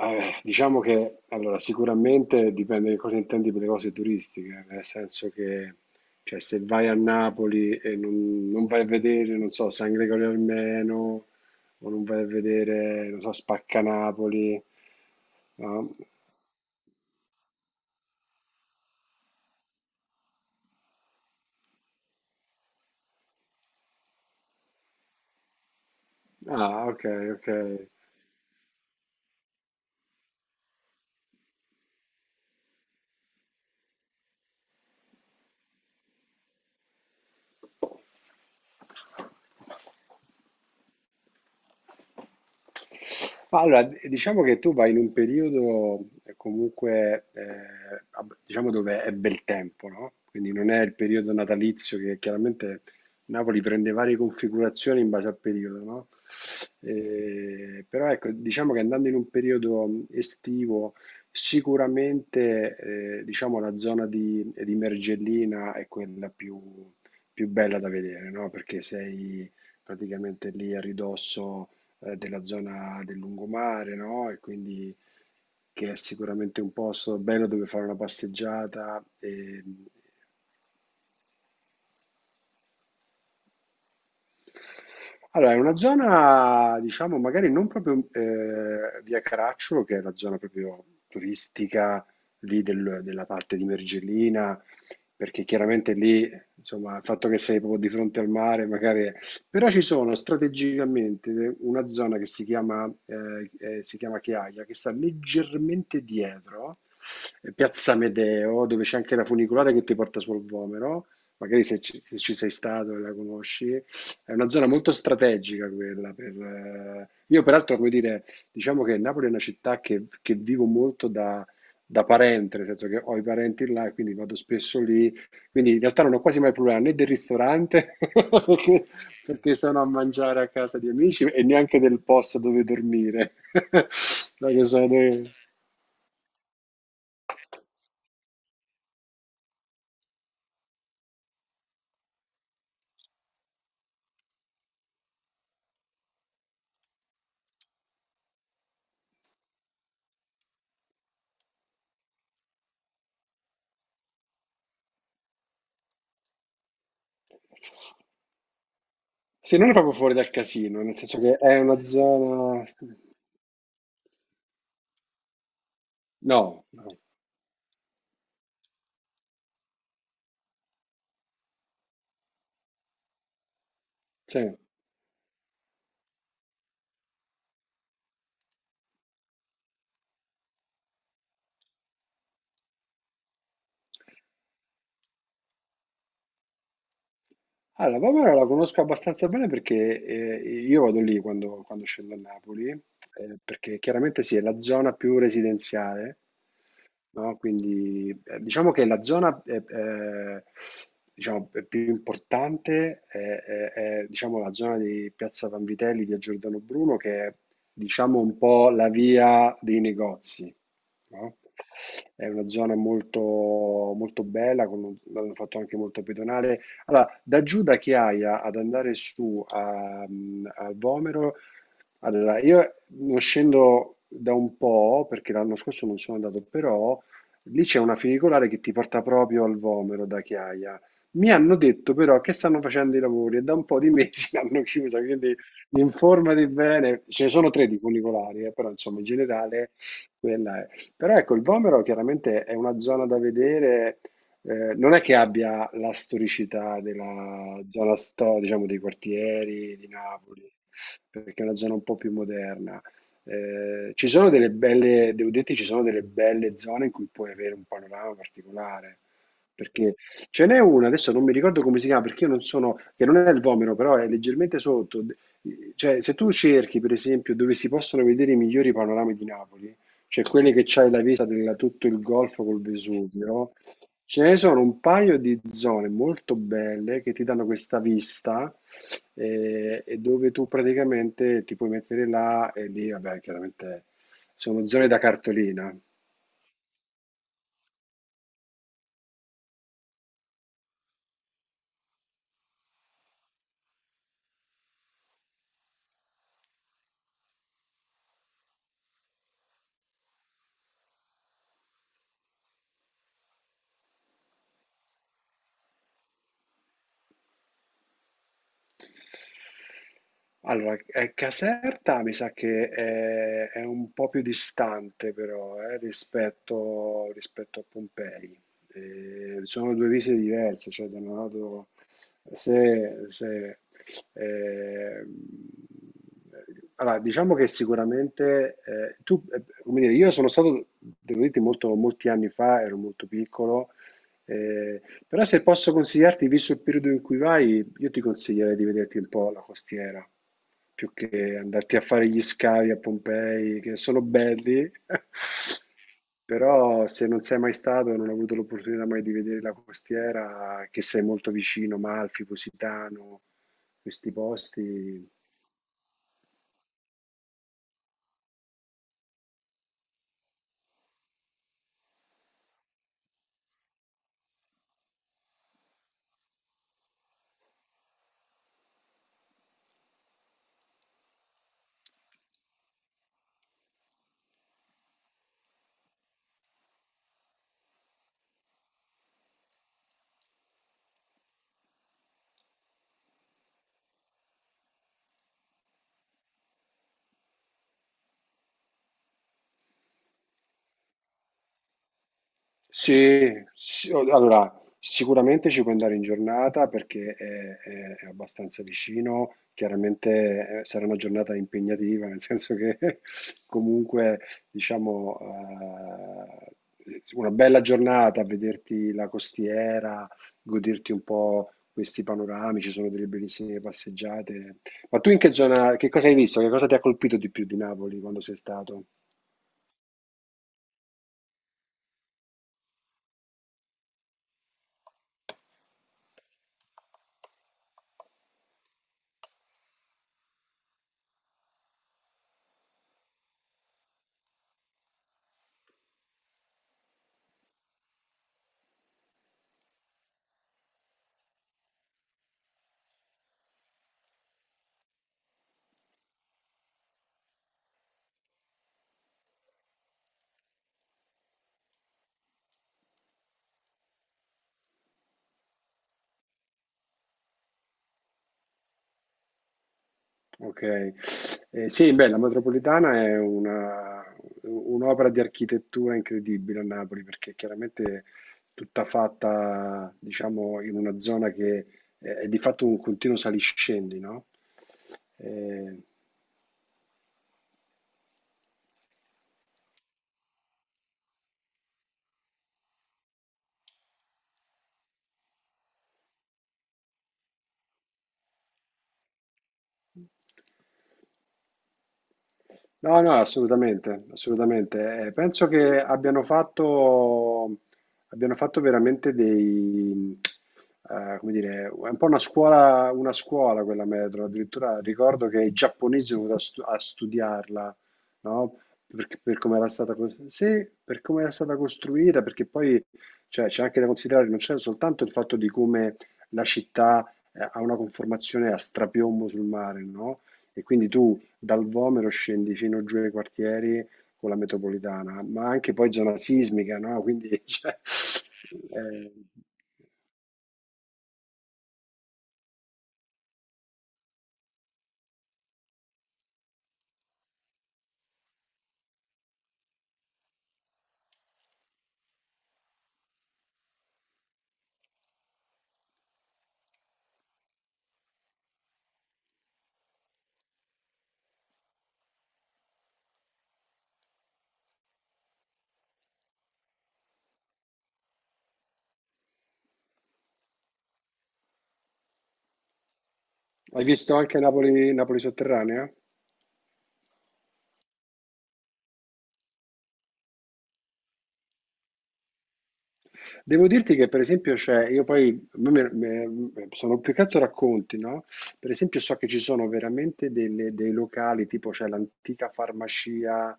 Diciamo che allora, sicuramente dipende che cosa intendi per le cose turistiche, nel senso che cioè, se vai a Napoli e non vai a vedere, non so, San Gregorio Armeno, o non vai a vedere, non so, Spaccanapoli, no? Ah, ok, ok. Ma allora, diciamo che tu vai in un periodo comunque, diciamo dove è bel tempo, no? Quindi non è il periodo natalizio che chiaramente Napoli prende varie configurazioni in base al periodo, no? Però ecco, diciamo che andando in un periodo estivo, sicuramente, diciamo la zona di Mergellina è quella più, più bella da vedere, no? Perché sei praticamente lì a ridosso della zona del lungomare, no? E quindi che è sicuramente un posto bello dove fare una passeggiata e allora è una zona, diciamo, magari non proprio via Caracciolo, che è la zona proprio turistica lì della parte di Mergellina, perché chiaramente lì, insomma, il fatto che sei proprio di fronte al mare, magari è. Però ci sono strategicamente una zona che si chiama Chiaia, che sta leggermente dietro, Piazza Medeo, dove c'è anche la funicolare che ti porta sul Vomero, magari se se ci sei stato e la conosci. È una zona molto strategica quella per, io peraltro, come dire, diciamo che Napoli è una città che vivo molto da, da parente, nel senso che ho i parenti là e quindi vado spesso lì. Quindi in realtà non ho quasi mai problema né del ristorante, perché, perché sono a mangiare a casa di amici, e neanche del posto dove dormire. Dai, che sono dei. Sì, non è proprio fuori dal casino, nel senso che è una zona. No, no. Sì. Allora, Vomero la conosco abbastanza bene perché io vado lì quando, quando scendo a Napoli, perché chiaramente sì, è la zona più residenziale, no? Quindi diciamo che la zona diciamo, più importante è, diciamo, la zona di Piazza Vanvitelli, via Giordano Bruno, che è diciamo un po' la via dei negozi, no? È una zona molto, molto bella, con un l'hanno fatto anche molto pedonale. Allora, da giù da Chiaia ad andare su a, a Vomero, allora io non scendo da un po', perché l'anno scorso non sono andato, però lì c'è una funicolare che ti porta proprio al Vomero da Chiaia. Mi hanno detto però che stanno facendo i lavori e da un po' di mesi l'hanno chiusa, quindi informati bene. Ce ne sono tre di funicolari, però insomma in generale quella è. Però ecco, il Vomero chiaramente è una zona da vedere non è che abbia la storicità della zona sto, diciamo, dei quartieri di Napoli, perché è una zona un po' più moderna. Ci sono delle belle, devo dirti, ci sono delle belle zone in cui puoi avere un panorama particolare, perché ce n'è una, adesso non mi ricordo come si chiama, perché io non sono, che non è il Vomero, però è leggermente sotto. Cioè, se tu cerchi, per esempio, dove si possono vedere i migliori panorami di Napoli, cioè quelli che c'hai la vista di tutto il golfo col Vesuvio, ce ne sono un paio di zone molto belle che ti danno questa vista e dove tu praticamente ti puoi mettere là e lì, vabbè, chiaramente sono zone da cartolina. Allora, Caserta mi sa che è un po' più distante però, rispetto a Pompei. Sono 2 visite diverse, cioè da un lato se se, ehm, allora diciamo che sicuramente, tu come dire, io sono stato, devo dirti molto molti anni fa, ero molto piccolo, eh, però se posso consigliarti, visto il periodo in cui vai, io ti consiglierei di vederti un po' la costiera, più che andarti a fare gli scavi a Pompei, che sono belli, però se non sei mai stato e non hai avuto l'opportunità mai di vedere la costiera, che sei molto vicino, Malfi, Positano, questi posti. Allora sicuramente ci puoi andare in giornata perché è, è abbastanza vicino, chiaramente sarà una giornata impegnativa, nel senso che comunque diciamo una bella giornata, vederti la costiera, goderti un po' questi panorami, ci sono delle bellissime passeggiate. Ma tu in che zona, che cosa hai visto? Che cosa ti ha colpito di più di Napoli quando sei stato? Ok, eh, sì, beh, la metropolitana è una un'opera di architettura incredibile a Napoli perché chiaramente è tutta fatta, diciamo, in una zona che è di fatto un continuo saliscendi, no? Eh, no, no, assolutamente, assolutamente. Penso che abbiano fatto veramente dei, come dire, è un po' una scuola quella metro. Addirittura ricordo che i giapponesi sono venuti a, a studiarla, no? Per come era stata, sì, per come era stata costruita, perché poi cioè, c'è anche da considerare, non c'è soltanto il fatto di come la città ha una conformazione a strapiombo sul mare, no? E quindi tu dal Vomero scendi fino giù ai quartieri con la metropolitana, ma anche poi zona sismica, no? Quindi, cioè, eh, hai visto anche Napoli, Napoli sotterranea? Devo dirti che per esempio c'è, io poi sono più che altro racconti, no? Per esempio so che ci sono veramente dei locali, tipo c'è l'antica farmacia,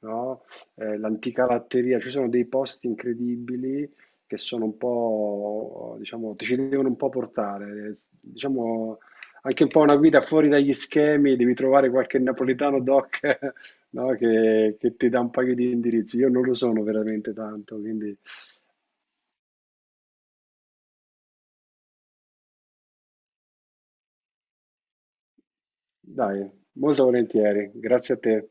no? L'antica latteria, ci sono dei posti incredibili che sono un po', diciamo, ti ci devono un po' portare, diciamo anche un po' una guida fuori dagli schemi, devi trovare qualche napoletano doc, no? Che ti dà un paio di indirizzi. Io non lo sono veramente tanto, quindi. Dai, molto volentieri, grazie a te.